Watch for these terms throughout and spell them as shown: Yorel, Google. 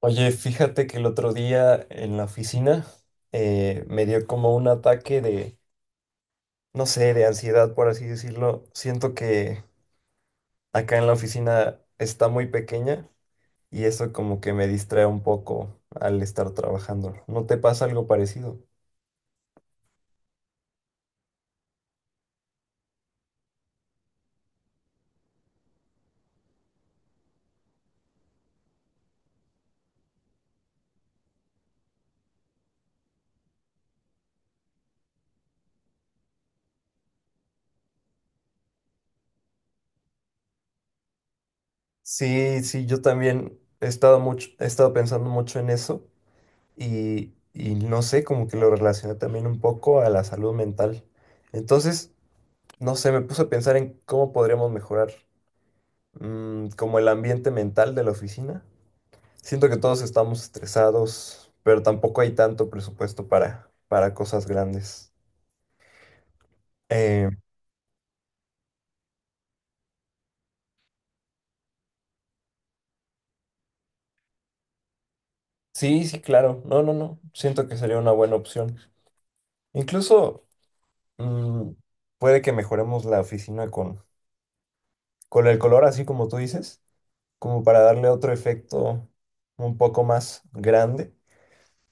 Oye, fíjate que el otro día en la oficina me dio como un ataque de, no sé, de ansiedad, por así decirlo. Siento que acá en la oficina está muy pequeña y eso como que me distrae un poco al estar trabajando. ¿No te pasa algo parecido? Sí, sí, yo también he estado mucho, he estado pensando mucho en eso y no sé, como que lo relacioné también un poco a la salud mental. Entonces, no sé, me puse a pensar en cómo podríamos mejorar. Como el ambiente mental de la oficina. Siento que todos estamos estresados, pero tampoco hay tanto presupuesto para cosas grandes. Eh, sí, sí, claro. No, no, no. Siento que sería una buena opción. Incluso mm, puede que mejoremos la oficina con el color, así como tú dices, como para darle otro efecto un poco más grande.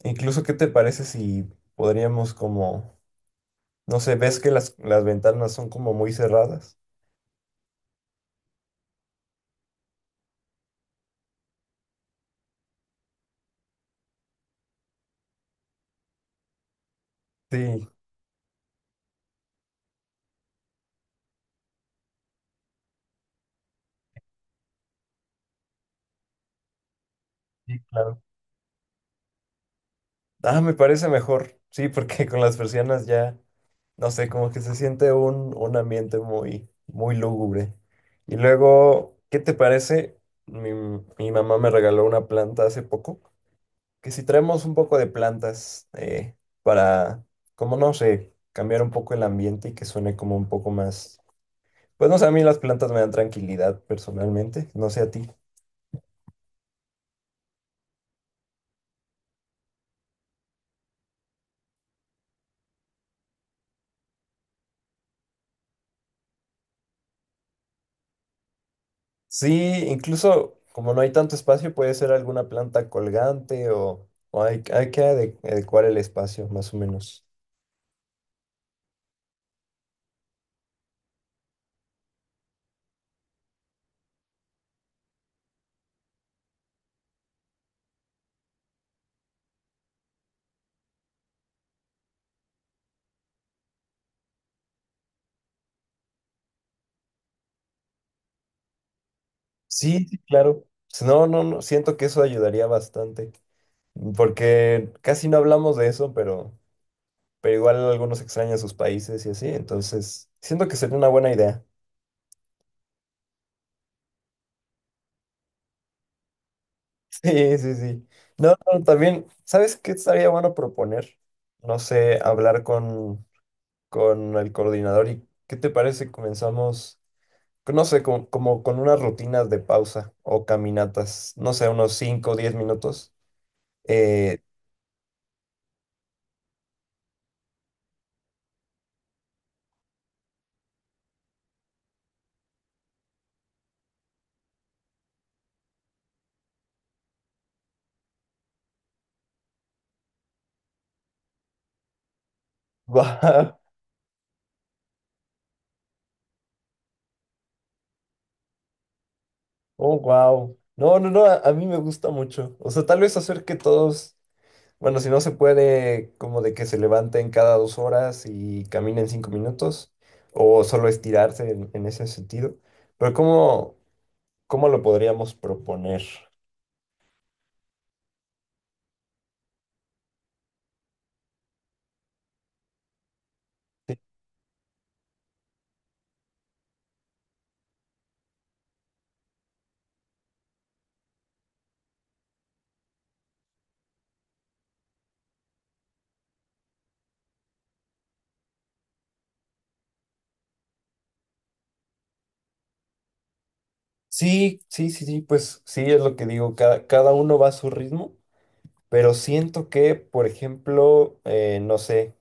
Incluso, ¿qué te parece si podríamos como, no sé, ves que las ventanas son como muy cerradas? Sí, sí, claro. Ah, me parece mejor. Sí, porque con las persianas ya, no sé, como que se siente un ambiente muy, muy lúgubre. Y luego, ¿qué te parece? Mi mamá me regaló una planta hace poco, que si traemos un poco de plantas para, como no sé, cambiar un poco el ambiente y que suene como un poco más... Pues no sé, a mí las plantas me dan tranquilidad personalmente, no sé a ti. Sí, incluso como no hay tanto espacio, puede ser alguna planta colgante o hay que adecuar el espacio, más o menos. Sí, sí, claro. Si no, no, no, siento que eso ayudaría bastante, porque casi no hablamos de eso, pero igual algunos extrañan sus países y así, entonces siento que sería una buena idea. Sí, sí, sí. No, no, también, ¿sabes qué estaría bueno proponer? No sé, hablar con el coordinador y ¿qué te parece? Si comenzamos. No sé, como, como con unas rutinas de pausa o caminatas, no sé, unos 5 o 10 minutos. Eh, guau, oh, wow. No, no, no, a mí me gusta mucho. O sea, tal vez hacer que todos, bueno, si no se puede, como de que se levanten cada 2 horas y caminen 5 minutos, o solo estirarse en ese sentido. Pero ¿cómo, cómo lo podríamos proponer? Sí, sí, sí, sí, sí, pues sí, es lo que digo, cada, cada uno va a su ritmo. Pero siento que, por ejemplo, no sé,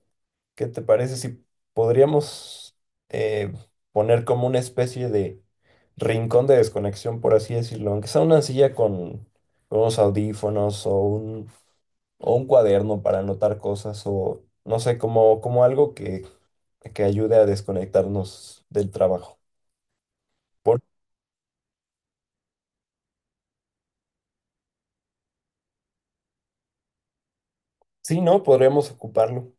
¿qué te parece si podríamos eh, poner como una especie de rincón de desconexión, por así decirlo? Aunque sea una silla con unos audífonos o un cuaderno para anotar cosas o no sé, como, como algo que ayude a desconectarnos del trabajo. Por, sí, ¿no? Podríamos ocuparlo.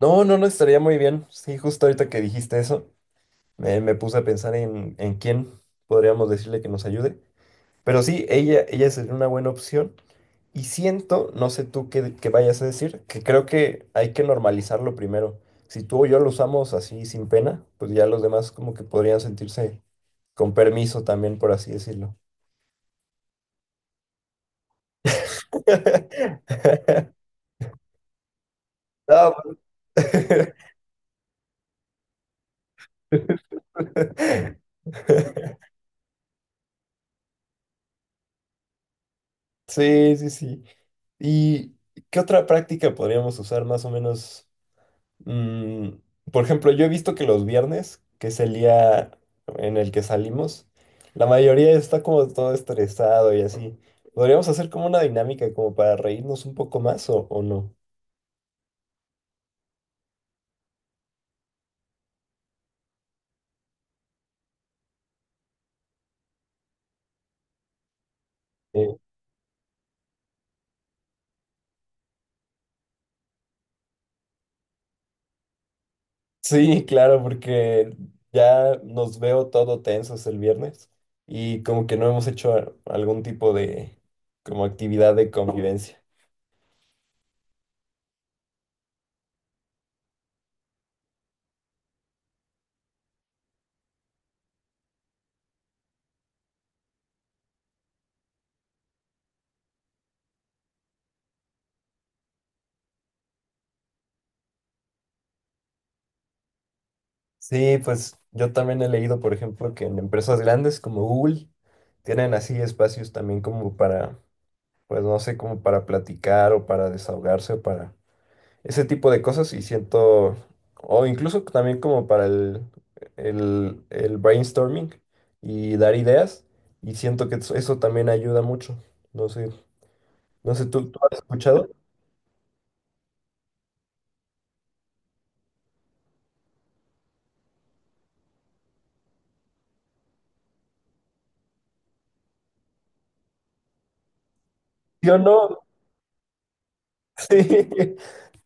No, no, no estaría muy bien. Sí, justo ahorita que dijiste eso. Me puse a pensar en quién podríamos decirle que nos ayude. Pero sí, ella sería una buena opción. Y siento, no sé tú qué, qué vayas a decir, que creo que hay que normalizarlo primero. Si tú o yo lo usamos así sin pena, pues ya los demás como que podrían sentirse con permiso también, por así decirlo. No, pues. Sí, sí, sí. ¿Y qué otra práctica podríamos usar más o menos? Mm, por ejemplo, yo he visto que los viernes, que es el día en el que salimos, la mayoría está como todo estresado y así. Podríamos hacer como una dinámica como para reírnos un poco más o no. Eh, sí, claro, porque ya nos veo todo tensos el viernes y como que no hemos hecho algún tipo de como actividad de convivencia. Sí, pues yo también he leído, por ejemplo, que en empresas grandes como Google tienen así espacios también como para pues no sé, como para platicar o para desahogarse o para ese tipo de cosas y siento, o incluso también como para el brainstorming y dar ideas y siento que eso también ayuda mucho. No sé, no sé, ¿tú, tú has escuchado? ¿Sí o no? Sí,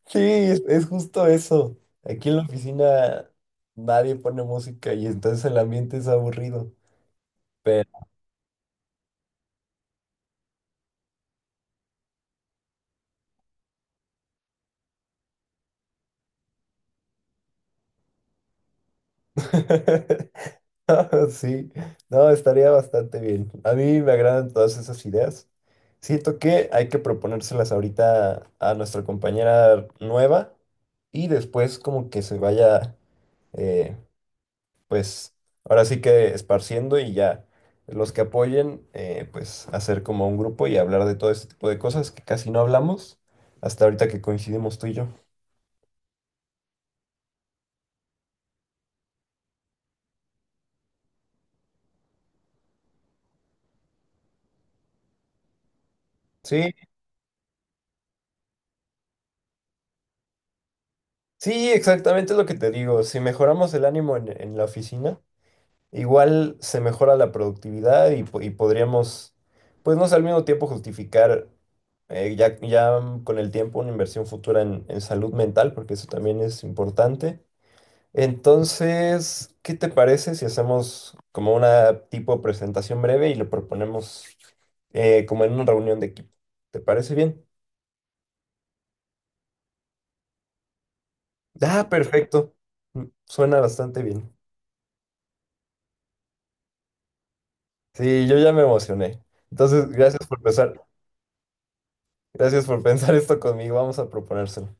sí, es justo eso. Aquí en la oficina nadie pone música y entonces el ambiente es aburrido, pero... Sí, no, estaría bastante bien. A mí me agradan todas esas ideas. Siento que hay que proponérselas ahorita a nuestra compañera nueva y después como que se vaya, eh, pues ahora sí que esparciendo y ya los que apoyen, pues hacer como un grupo y hablar de todo este tipo de cosas que casi no hablamos hasta ahorita que coincidimos tú y yo. Sí, sí, exactamente lo que te digo. Si mejoramos el ánimo en la oficina. Igual se mejora la productividad y, y podríamos, pues no sé, al mismo tiempo justificar ya, ya con el tiempo una inversión futura en salud mental, porque eso también es importante. Entonces, ¿qué te parece si hacemos como una tipo presentación breve y lo proponemos como en una reunión de equipo? ¿Te parece bien? Ah, perfecto. Mm, suena bastante bien. Sí, yo ya me emocioné. Entonces, gracias por pensar, gracias por pensar esto conmigo. Vamos a proponérselo.